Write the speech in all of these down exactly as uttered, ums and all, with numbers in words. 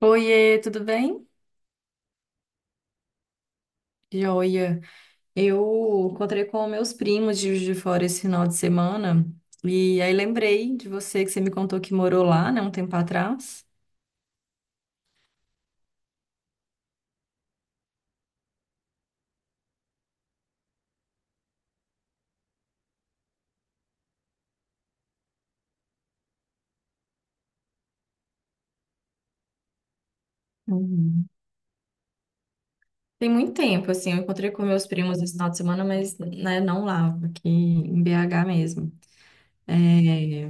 Oiê, tudo bem? Joia. Eu encontrei com meus primos de Juiz de Fora esse final de semana e aí lembrei de você que você me contou que morou lá, né, um tempo atrás. Uhum. Tem muito tempo, assim, eu encontrei com meus primos esse final de semana, mas, né, não lá, aqui em B agá mesmo. É,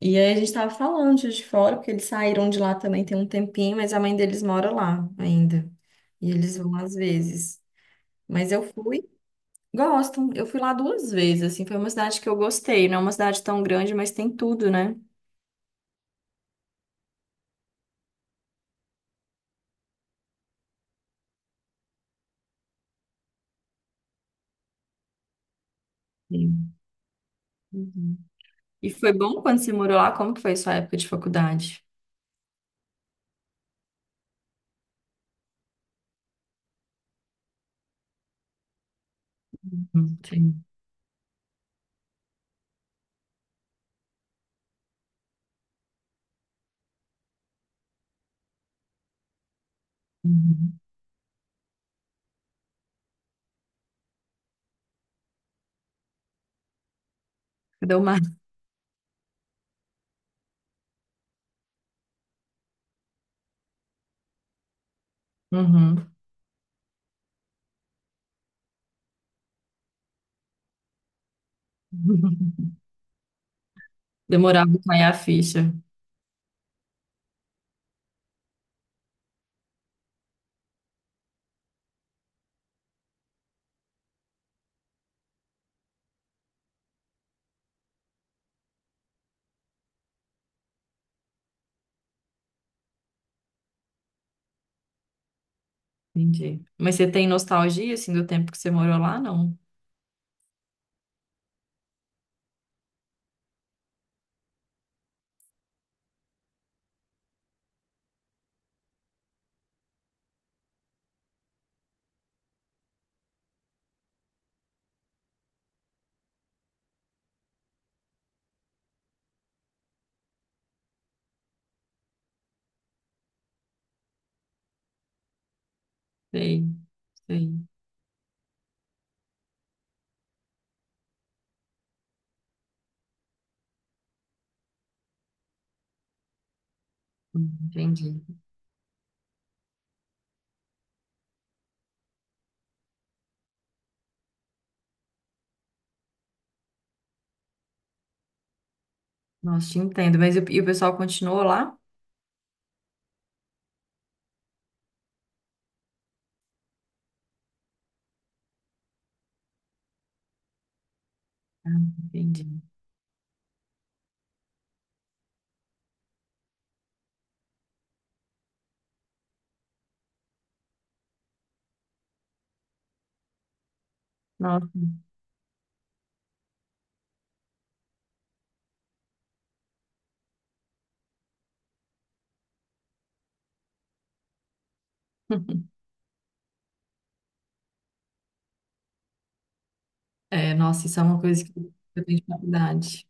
E aí a gente tava falando de Juiz de Fora, porque eles saíram de lá também tem um tempinho, mas a mãe deles mora lá ainda. E eles vão às vezes. Mas eu fui Gosto. Eu fui lá duas vezes, assim, foi uma cidade que eu gostei. Não é uma cidade tão grande, mas tem tudo, né? Sim. Uhum. E foi bom quando você morou lá? Como que foi sua época de faculdade? Uhum. Sim. Uhum. Deu mais, Uhum. Demorava pra cair a ficha. Entendi. Mas você tem nostalgia, assim, do tempo que você morou lá? Não. Sei, sei. Uhum. Entendi. Nossa, te entendo. Mas e o e o pessoal continuou lá? Ah, entendi. Nossa. É, nossa, isso é uma coisa que eu tenho de faculdade.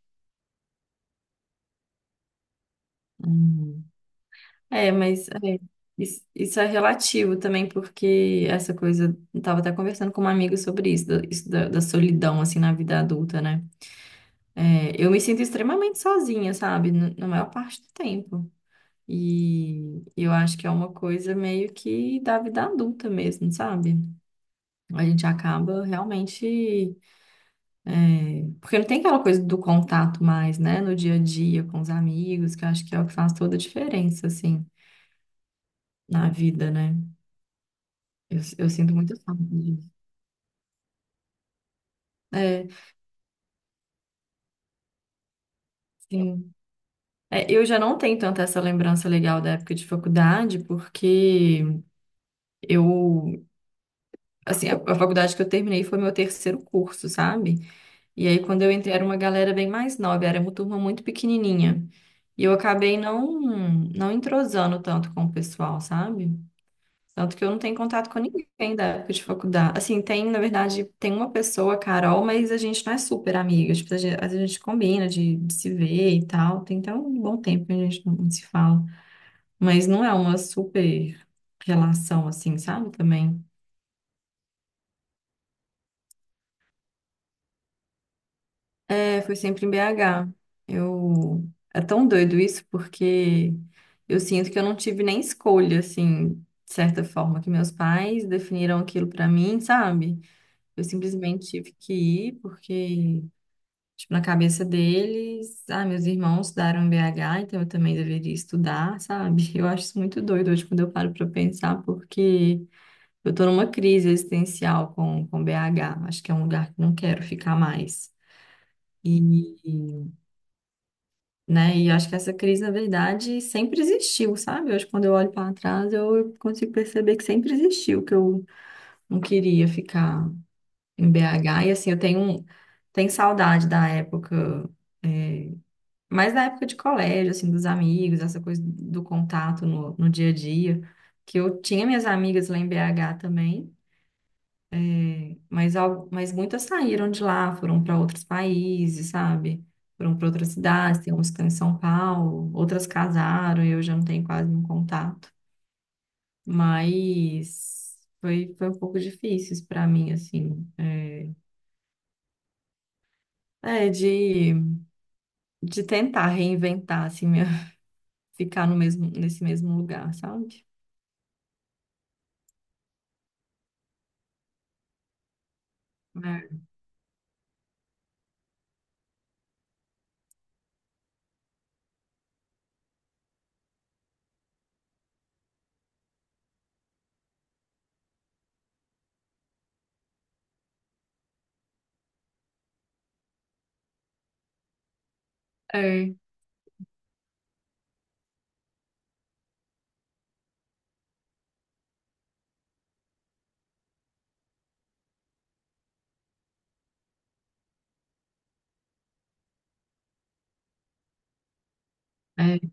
Uhum. É, mas é, isso, isso é relativo também, porque essa coisa, eu tava até conversando com uma amiga sobre isso, da, isso da, da solidão, assim, na vida adulta, né? É, eu me sinto extremamente sozinha, sabe? No- Na maior parte do tempo. E eu acho que é uma coisa meio que da vida adulta mesmo, sabe? A gente acaba realmente. Porque não tem aquela coisa do contato mais, né? No dia a dia, com os amigos, que eu acho que é o que faz toda a diferença, assim, na vida, né? Eu, eu sinto muita falta. É, sim. É, eu já não tenho tanta essa lembrança legal da época de faculdade, porque eu, assim, a, a faculdade que eu terminei foi meu terceiro curso, sabe? E aí, quando eu entrei, era uma galera bem mais nova, era uma turma muito pequenininha. E eu acabei não, não entrosando tanto com o pessoal, sabe? Tanto que eu não tenho contato com ninguém da época de faculdade. Assim, tem, na verdade, tem uma pessoa, a Carol, mas a gente não é super amiga. Tipo, a gente, a gente combina de, de se ver e tal. Tem até um bom tempo que a gente não, não se fala. Mas não é uma super relação, assim, sabe? Também. É, foi sempre em B agá. Eu... É tão doido isso, porque eu sinto que eu não tive nem escolha, assim, de certa forma, que meus pais definiram aquilo pra mim, sabe? Eu simplesmente tive que ir porque, tipo, na cabeça deles, ah, meus irmãos estudaram B agá, então eu também deveria estudar, sabe? Eu acho isso muito doido hoje quando eu paro pra pensar, porque eu tô numa crise existencial com, com B agá. Acho que é um lugar que não quero ficar mais. E, né, e acho que essa crise, na verdade, sempre existiu, sabe? Hoje, quando eu olho para trás, eu consigo perceber que sempre existiu, que eu não queria ficar em B agá. E assim, eu tenho, um- tenho saudade da época, é, mais da época de colégio, assim, dos amigos, essa coisa do contato no, no dia a dia. Que eu tinha minhas amigas lá em B agá também, mas, al- mas muitas saíram de lá, foram para outros países, sabe? Foram para outras cidades, tem umas que estão em São Paulo, outras casaram, eu já não tenho quase nenhum contato. Mas foi, foi um pouco difícil para mim, assim. É, é, de de tentar reinventar, assim, minha- ficar no mesmo, nesse mesmo lugar, sabe? É, é, é.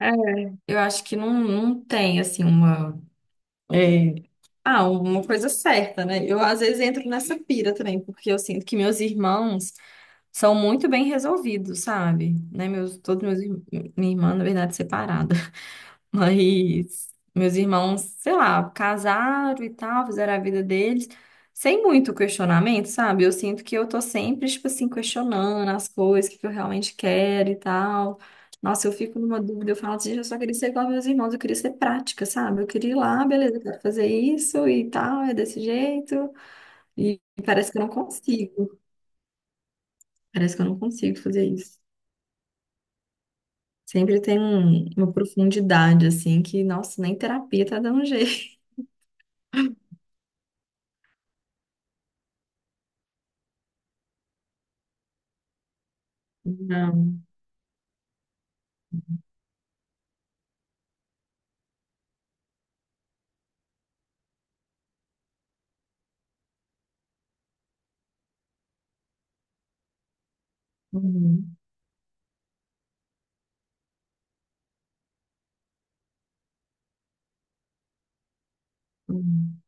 é. Eu acho que não, não tem, assim, uma. é, Ah, uma coisa certa, né? Eu às vezes entro nessa pira também, porque eu sinto que meus irmãos são muito bem resolvidos, sabe? Né? Meus, todos meus irmãos, minha irmã, na verdade, separada. Mas meus irmãos, sei lá, casaram e tal, fizeram a vida deles, sem muito questionamento, sabe? Eu sinto que eu tô sempre, tipo assim, questionando as coisas, o que eu realmente quero e tal. Nossa, eu fico numa dúvida, eu falo assim, eu só queria ser igual aos meus irmãos, eu queria ser prática, sabe? Eu queria ir lá, beleza, eu quero fazer isso e tal, é desse jeito. E parece que eu não consigo, parece que eu não consigo fazer isso. Sempre tem um- uma profundidade, assim, que, nossa, nem terapia tá dando jeito. Não. Uhum. Hum,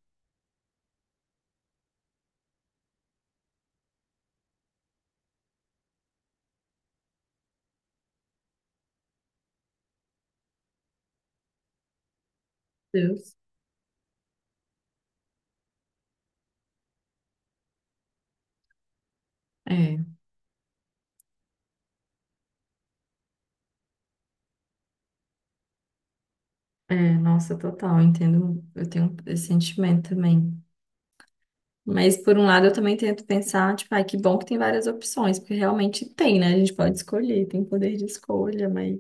Deus. É, é, nossa, total, eu entendo, eu tenho esse sentimento também. Mas por um lado eu também tento pensar, tipo, ai, que bom que tem várias opções, porque realmente tem, né? A gente pode escolher, tem poder de escolha, mas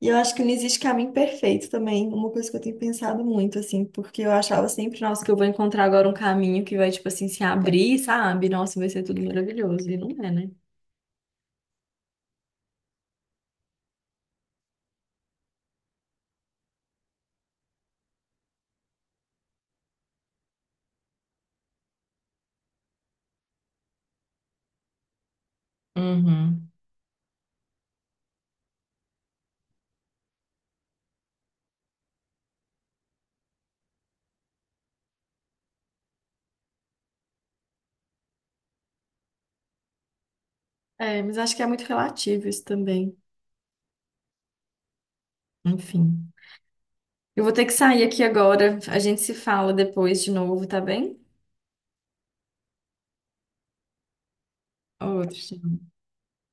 E eu acho que não existe caminho perfeito também, uma coisa que eu tenho pensado muito, assim, porque eu achava sempre, nossa, que eu vou encontrar agora um caminho que vai, tipo assim, se abrir, sabe? Nossa, vai ser tudo maravilhoso. E não é, né? Uhum. É, mas acho que é muito relativo isso também. Enfim. Eu vou ter que sair aqui agora. A gente se fala depois de novo, tá bem? Outro.